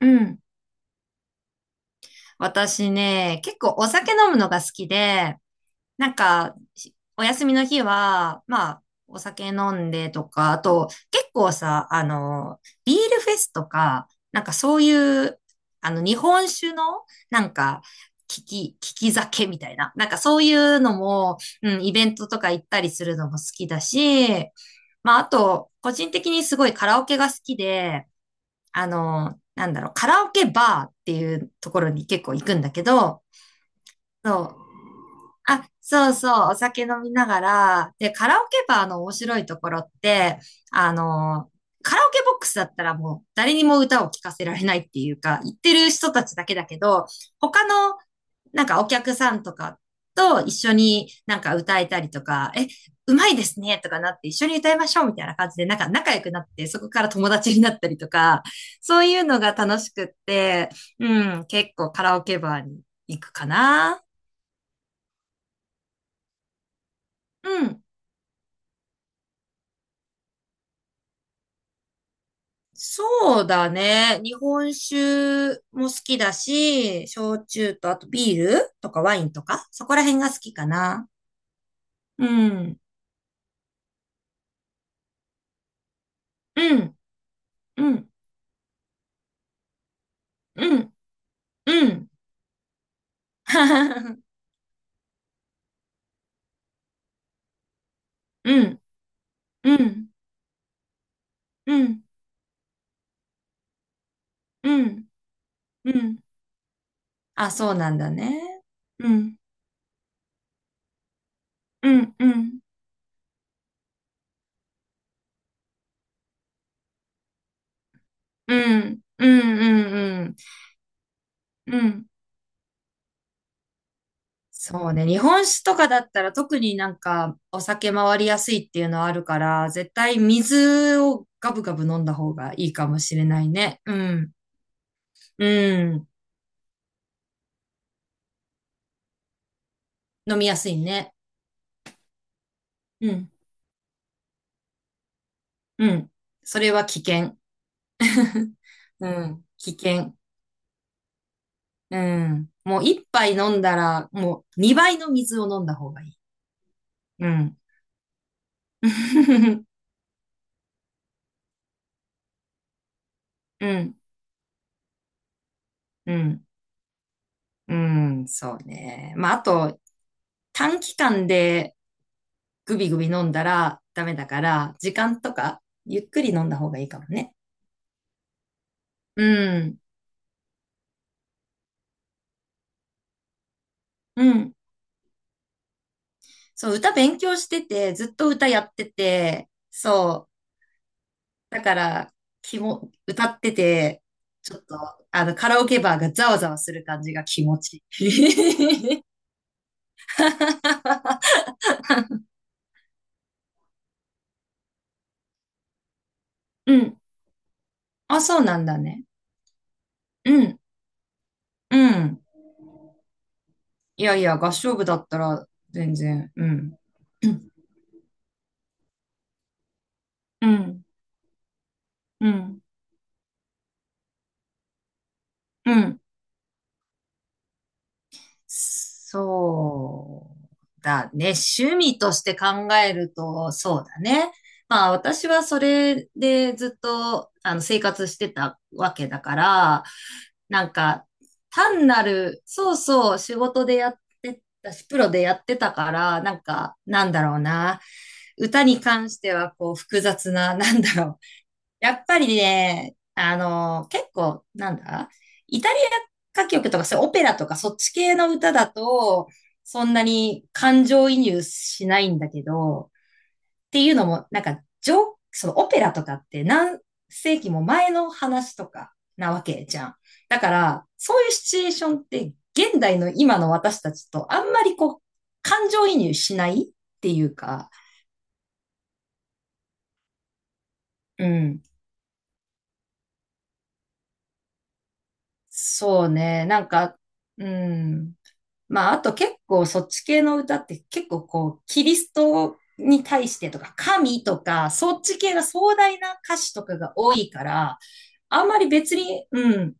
うん。私ね、結構お酒飲むのが好きで、なんか、お休みの日は、まあ、お酒飲んでとか、あと、結構さ、ビールフェスとか、なんかそういう、日本酒の、なんか、利き酒みたいな、なんかそういうのも、うん、イベントとか行ったりするのも好きだし、まあ、あと、個人的にすごいカラオケが好きで、カラオケバーっていうところに結構行くんだけど、そう。あ、そうそう、お酒飲みながら、で、カラオケバーの面白いところって、あの、カラオケボックスだったらもう誰にも歌を聴かせられないっていうか、言ってる人たちだけだけど、他のお客さんとかと一緒になんか歌えたりとか、うまいですねとかなって一緒に歌いましょうみたいな感じでなんか仲良くなってそこから友達になったりとか、そういうのが楽しくって、うん、結構カラオケバーに行くかな。うん。そうだね。日本酒も好きだし、焼酎とあとビールとかワインとか、そこら辺が好きかな。うん。うん。うん。うん。うん。うん。うん、うん、うん、うん。あ、そうなんだね。うん、うん、うん、うん、うん、うん、うん。うん、そうね。日本酒とかだったら特になんかお酒回りやすいっていうのはあるから、絶対水をガブガブ飲んだ方がいいかもしれないね。うん、うん。飲みやすいね。うん、うん。それは危険。うん、危険。うん。もう一杯飲んだら、もう二倍の水を飲んだ方がいい。うん。うん。うん。うん。そうね。まあ、あと、短期間でグビグビ飲んだらダメだから、時間とかゆっくり飲んだ方がいいかもね。うん。うん。そう、歌勉強してて、ずっと歌やってて、そう。だから、気も、歌ってて、ちょっと、カラオケバーがざわざわする感じが気持ちいい。うん。あ、そうなんだね。うん。うん。いやいや、合唱部だったら全然、うん。うん、うん、うん。そうだね。趣味として考えると、そうだね。まあ私はそれでずっと生活してたわけだから、なんか単なる、そうそう、仕事でやってたし、プロでやってたから、なんか、なんだろうな。歌に関してはこう複雑な、なんだろう。やっぱりね、結構、なんだ、イタリア歌曲とか、そういうオペラとか、そっち系の歌だと、そんなに感情移入しないんだけど、っていうのも、なんか、そのオペラとかって何世紀も前の話とかなわけじゃん。だから、そういうシチュエーションって、現代の今の私たちとあんまりこう、感情移入しないっていうか、うん。そうね、なんか、うん。まあ、あと結構そっち系の歌って結構こう、キリストに対してとか、神とか、そっち系が壮大な歌詞とかが多いから、あんまり別に、うん、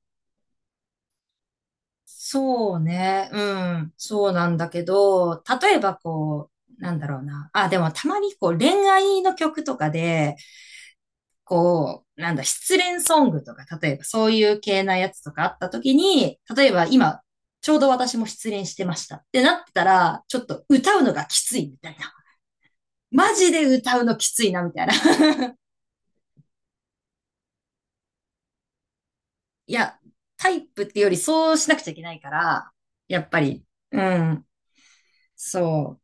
そうね、うん、そうなんだけど、例えばこう、なんだろうな。あ、でもたまにこう恋愛の曲とかで、こうなんだ、失恋ソングとか、例えばそういう系なやつとかあった時に、例えば今、ちょうど私も失恋してましたってなってたら、ちょっと歌うのがきついみたいな。マジで歌うのきついなみたいな。いや、タイプってよりそうしなくちゃいけないから、やっぱり、うん、そ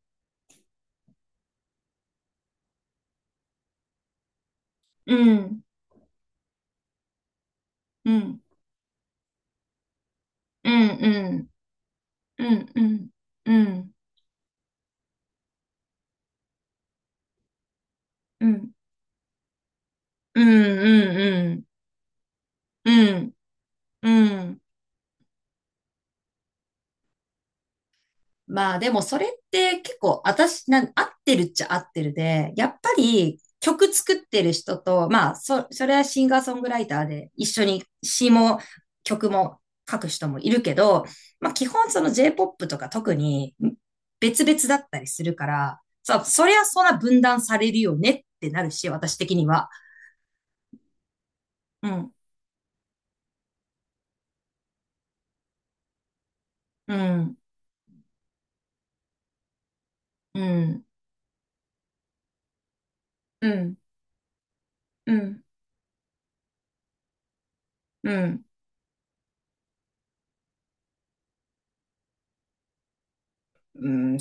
う、うん、うん、うん、うん、うん、うん、うん、うん、うん、うん、うん、うん、うん、うん、まあでもそれって結構私なん、合ってるっちゃ合ってるで、やっぱり曲作ってる人と、まあそ、それはシンガーソングライターで一緒に詩も曲も書く人もいるけど、まあ基本その J-POP とか特に別々だったりするから、そう、そりゃそんな分断されるよねってなるし、私的には。うん、うん、うん、うん、うん、うん、うん。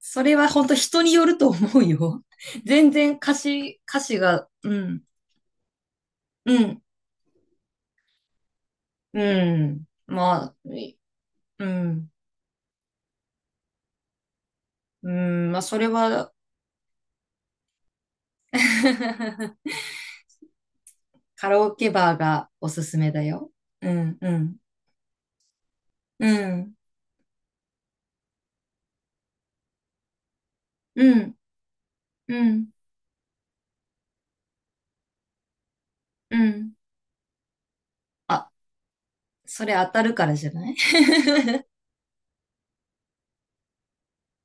それは本当人によると思うよ。全然歌詞が、うん、うん、うん。まあ、いうん、うん、まあ、それは。 カラオケバーがおすすめだよ。うん、うん、うん、うん、うん、うん。あ、それ当たるからじゃない？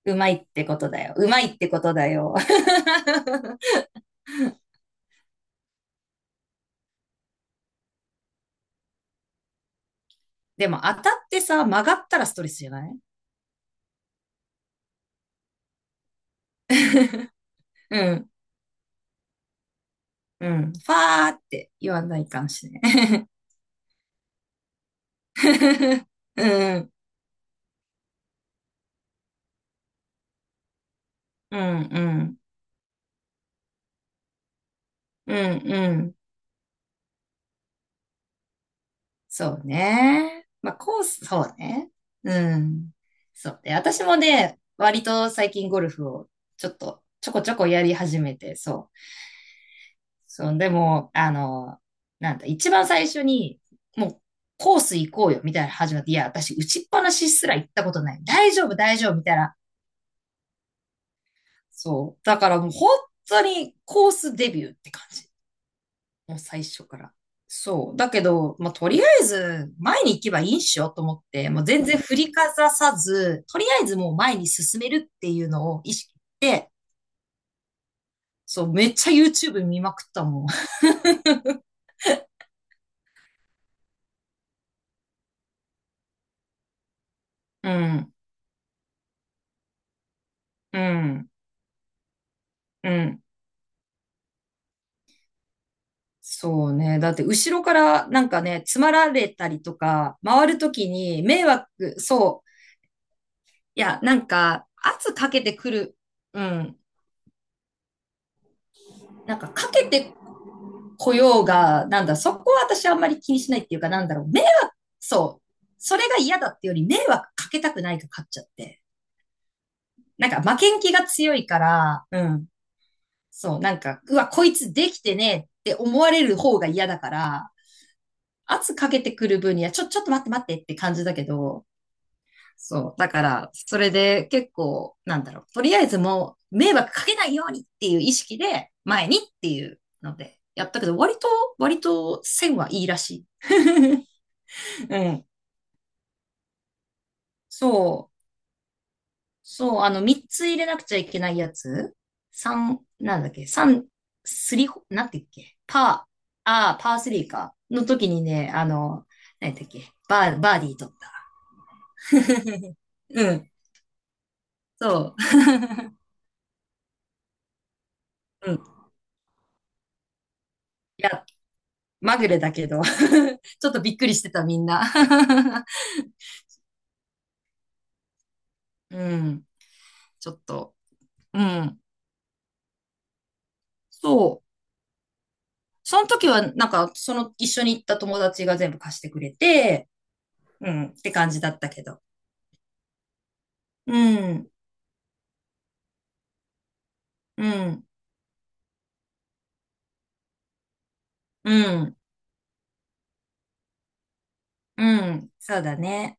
うまいってことだよ。うまいってことだよ。でも当たってさ、曲がったらストレスじゃない？ うん。うん。ファーって言わないかもしれん。うん、うん、うん、うん、うん。そうね。まあ、コース、そうね。うん。そうね。私もね、割と最近ゴルフをちょっとちょこちょこやり始めて、そう。そう、でも、なんだ、一番最初に、もう、コース行こうよ、みたいなの始まって、いや、私、打ちっぱなしすら行ったことない。大丈夫、大丈夫、みたいな。そう。だからもう本当にコースデビューって感じ。もう最初から。そう。だけど、まあ、とりあえず、前に行けばいいんしよと思って、もう全然振りかざさず、とりあえずもう前に進めるっていうのを意識して、そう、めっちゃ YouTube 見まくったもん。うん、うん、うん。そうね。だって、後ろからなんかね、詰まられたりとか、回るときに迷惑、そう。いや、なんか、圧かけてくる。うん。なんか、かけて雇用が、なんだ、そこは私あんまり気にしないっていうか、なんだろう、迷惑、そう。それが嫌だってより、迷惑かけたくないか勝っちゃって。なんか、負けん気が強いから、うん。そう、なんか、うわ、こいつできてねって思われる方が嫌だから、圧かけてくる分には、ちょっと待って待ってって感じだけど、そう。だから、それで結構、なんだろう、とりあえずもう、迷惑かけないようにっていう意識で、前にっていうので、やったけど、割と、線はいいらしい。うん。そう。そう。あの、3つ入れなくちゃいけないやつ。3、なんだっけ ?3、スリホ、なんて言うっけパー、あー、パー3か。の時にね、あの、なんだっけバーディー取った。うん。そう。うん。いや、まぐれだけど。ちょっとびっくりしてた、みんな。うん。ちょっと。うん。そう。その時は、なんか、その一緒に行った友達が全部貸してくれて、うん。って感じだったけど。うん。うん、うん、うん、そうだね。